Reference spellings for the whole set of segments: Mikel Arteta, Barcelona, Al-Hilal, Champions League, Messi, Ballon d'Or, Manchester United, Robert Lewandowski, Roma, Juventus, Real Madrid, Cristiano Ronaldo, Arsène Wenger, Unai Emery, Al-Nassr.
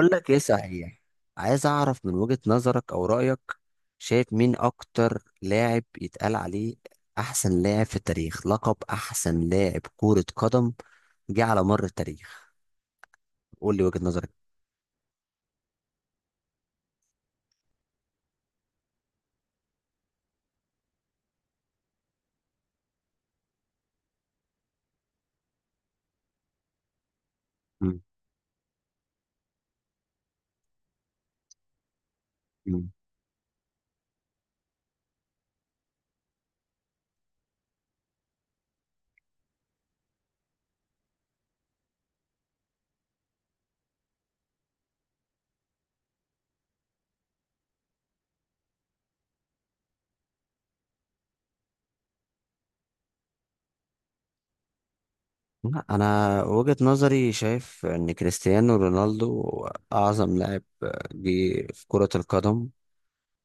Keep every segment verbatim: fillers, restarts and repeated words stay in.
أقول لك إيه، صحيح. عايز أعرف من وجهة نظرك أو رأيك، شايف مين أكتر لاعب يتقال عليه أحسن لاعب في التاريخ، لقب أحسن لاعب كرة قدم جه على مر التاريخ؟ قول لي وجهة نظرك. مم. مم. لا، أنا وجهة نظري شايف إن كريستيانو رونالدو أعظم لاعب جه في كرة القدم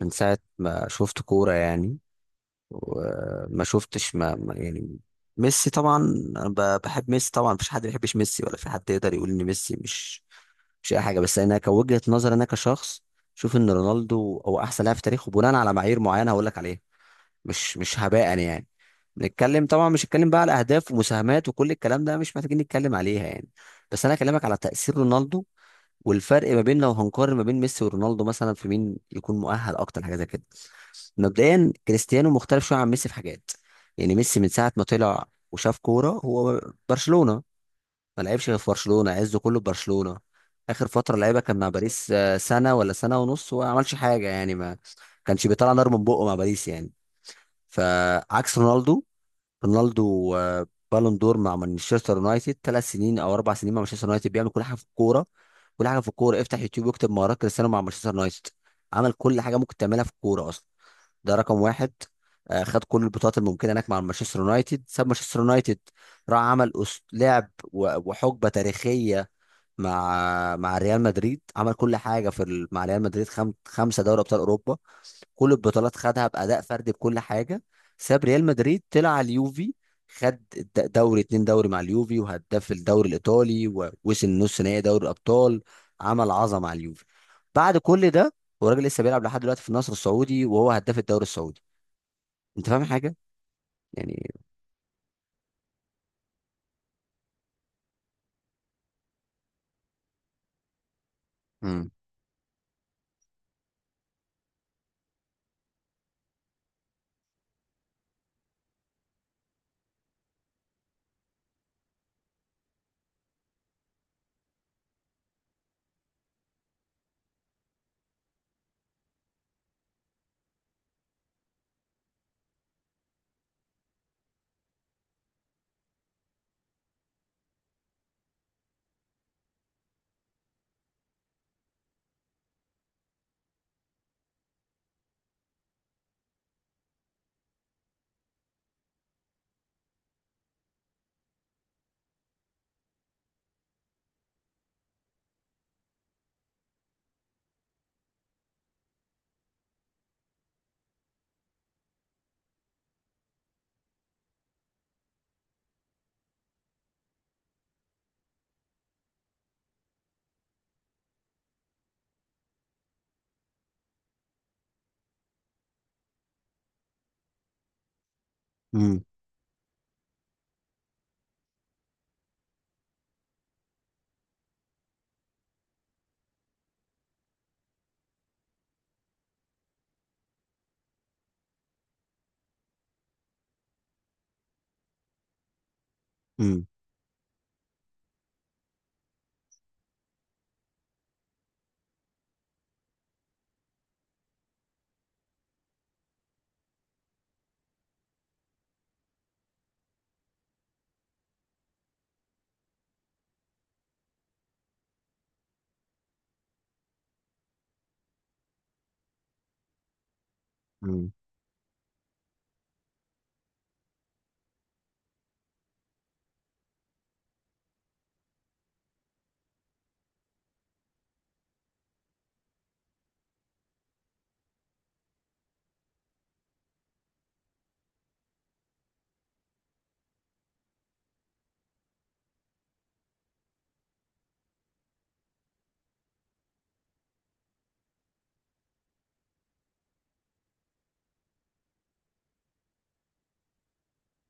من ساعة ما شفت كورة يعني. وما شفتش ما ما- يعني، ميسي طبعا. انا ب- بحب ميسي طبعا، مفيش حد ما بيحبش ميسي، ولا في حد يقدر يقول ان ميسي مش مش اي حاجه. بس انا كوجهه نظر، انا كشخص، شوف ان رونالدو هو احسن لاعب في تاريخه بناء على معايير معينه هقول لك عليها، مش مش هباء يعني. نتكلم طبعا، مش هتكلم بقى على اهداف ومساهمات وكل الكلام ده، مش محتاجين نتكلم عليها يعني. بس انا اكلمك على تاثير رونالدو، والفرق ما بين، لو هنقارن ما بين ميسي ورونالدو مثلا، في مين يكون مؤهل اكتر حاجه زي كده. مبدئيا كريستيانو مختلف شويه عن ميسي في حاجات. يعني ميسي من ساعه ما طلع وشاف كوره، هو برشلونه، ما لعبش غير في برشلونه، عزه كله في برشلونه. اخر فتره لعيبه كان مع باريس، آه، سنه ولا سنه ونص، وما عملش حاجه يعني، ما كانش بيطلع نار من بقه مع باريس يعني. فعكس رونالدو. رونالدو آه، بالون دور مع مانشستر يونايتد، ثلاث سنين او اربع سنين مع مانشستر يونايتد بيعمل كل حاجه في الكوره. كل حاجه في الكوره، افتح يوتيوب واكتب مهارات كريستيانو مع مانشستر يونايتد، عمل كل حاجه ممكن تعملها في الكوره اصلا. ده رقم واحد. آه، خد كل البطولات الممكنه هناك مع مانشستر يونايتد، ساب مانشستر يونايتد، راح عمل أس... لعب و... وحقبه تاريخيه مع مع ريال مدريد، عمل كل حاجه في ال... مع ريال مدريد خم... خمسه دوري ابطال اوروبا، كل البطولات خدها باداء فردي بكل حاجه. ساب ريال مدريد، طلع على اليوفي، خد د- دوري، اتنين دوري مع اليوفي، وهداف الدوري الايطالي، ووصل نص نهائي دوري الابطال. عمل عظمه مع اليوفي. بعد كل ده والراجل لسه بيلعب لحد دلوقتي في النصر السعودي، وهو هداف الدوري السعودي. انت فاهم حاجه يعني؟ امم. امم. امم. امم.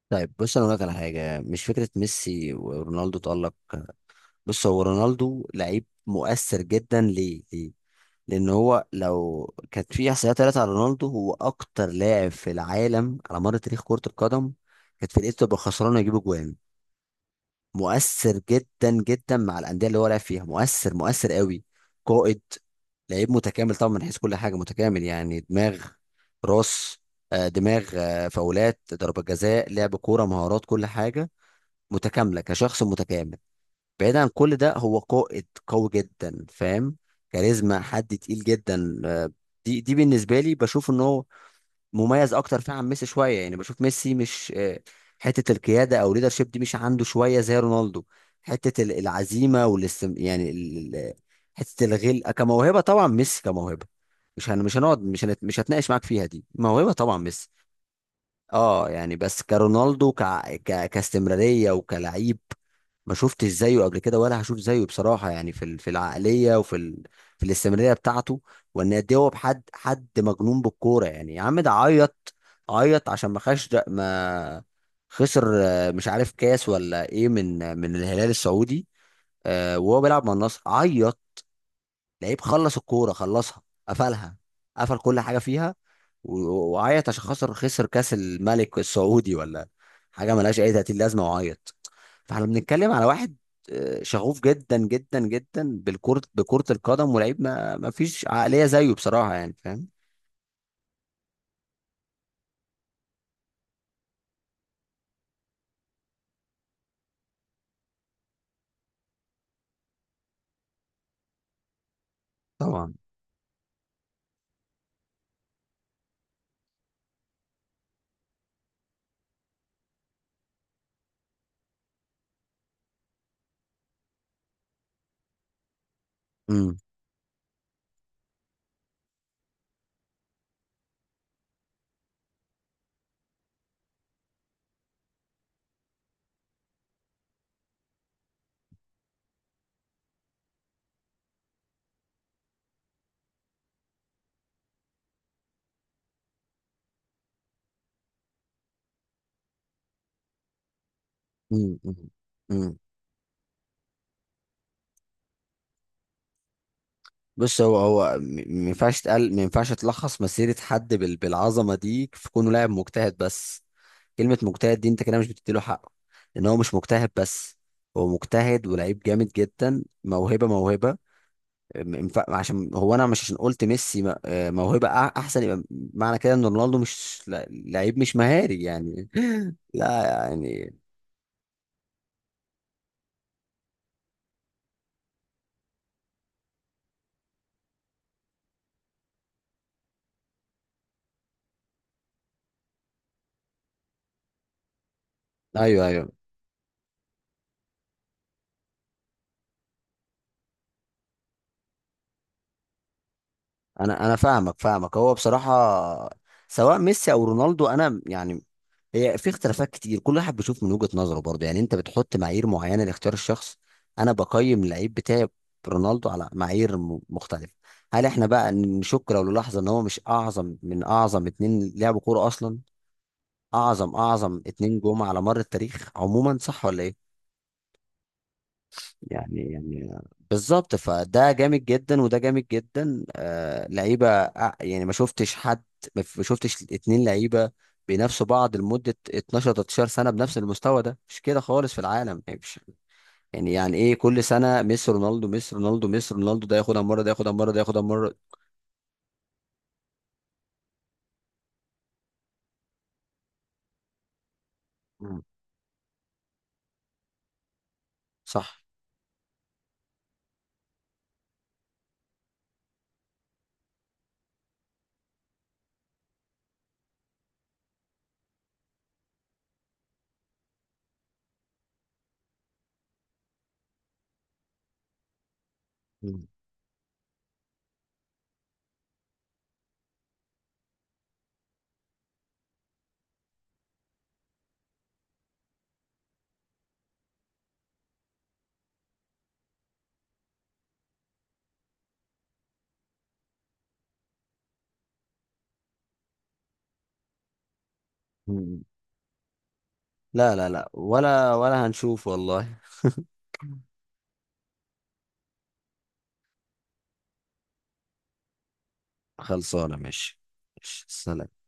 طيب بص، انا اقول لك على حاجه، مش فكره ميسي ورونالدو تألق. بص، هو رونالدو لعيب مؤثر جدا. ليه ليه؟ لان هو لو كانت في احصائيات طلعت على رونالدو، هو اكتر لاعب في العالم على مر تاريخ كره القدم كانت فرقته تبقى خسرانه يجيب جوان. مؤثر جدا جدا مع الانديه اللي هو لعب فيها، مؤثر مؤثر قوي، قائد، لعيب متكامل طبعا، من حيث كل حاجه متكامل، يعني دماغ، راس، آه، دماغ، آه، فاولات، ضربه جزاء، لعب كوره، مهارات، كل حاجه متكامله، كشخص متكامل. بعيدا عن كل ده هو قائد قوي جدا، فاهم، كاريزما، حد تقيل جدا آه، دي دي بالنسبه لي، بشوف ان هو مميز اكتر فيه عن ميسي شويه، يعني بشوف ميسي مش آه، حته القياده او ليدرشيب دي مش عنده شويه زي رونالدو، حته ال- العزيمه والاستم يعني ال- ال- حته الغل كموهبه. طبعا ميسي كموهبه، مش هن... مش هنقعد، مش هنت... مش هتناقش معاك فيها، دي موهبه طبعا ميسي. اه يعني، بس كرونالدو ك... ك... كاستمراريه وكلعيب، ما شفتش زيه قبل كده ولا هشوف زيه بصراحة يعني، في ال- في العقلية، وفي ال... في الاستمرارية بتاعته، وان قد إيه هو بحد حد مجنون بالكورة. يعني يا عم، ده عيط عيط عشان ما خش ما خسر، آه، مش عارف كاس ولا ايه من من الهلال السعودي، آه، وهو بيلعب مع النصر، عيط. لعيب خلص الكوره، خلصها، قفلها، قفل كل حاجه فيها، و- وعيط عشان خسر خسر كاس الملك السعودي ولا حاجه ملهاش اي ثلاثين لازمه، وعيط. فاحنا بنتكلم على واحد آه، شغوف جدا جدا جدا بالكرة، بكرة القدم، ولعيب ما ما فيش عقلية زيه بصراحة يعني، فاهم؟ طبعا. امم. امم. امم. امم. بص هو هو م- ما ينفعش تقل ما ينفعش تلخص مسيرة حد بال... بالعظمة دي في كونه لاعب مجتهد بس. كلمة مجتهد دي انت كده مش بتديله حقه، لان هو مش مجتهد بس، هو مجتهد ولعيب جامد جدا، موهبة موهبة. م- ينفع- عشان هو، انا مش عشان قلت ميسي م- آه، موهبة أح- احسن يبقى معنى كده ان رونالدو مش لا- لعيب مش مهاري يعني. لا يعني. ايوه، ايوه. انا انا فاهمك فاهمك، هو بصراحة سواء ميسي او رونالدو انا يعني، هي في اختلافات كتير، كل واحد بيشوف من وجهة نظره برضه يعني، انت بتحط معايير معينة لاختيار الشخص، انا بقيم اللعيب بتاعي رونالدو على معايير م- مختلفة. هل احنا بقى نشك لو للحظة ان هو مش اعظم، من اعظم اتنين لعبوا كورة اصلا؟ اعظم اعظم اتنين جم على مر التاريخ عموما، صح ولا ايه؟ يعني يعني بالظبط، فده جامد جدا وده جامد جدا آه لعيبه آه، يعني ما شفتش حد، ما ف- ما شفتش اتنين لعيبه بينافسوا بعض لمده اتناشر تلتاشر سنه بنفس المستوى. ده مش كده خالص في العالم يعني، مش يعني يعني ايه كل سنه ميسي رونالدو، ميسي رونالدو، ميسي رونالدو، ده ياخدها مره، ده ياخدها مره، ده ياخدها مره. مم. صح. مم. مم. لا لا لا، ولا ولا هنشوف والله. خلصانه، ماشي. ماشي. سلام.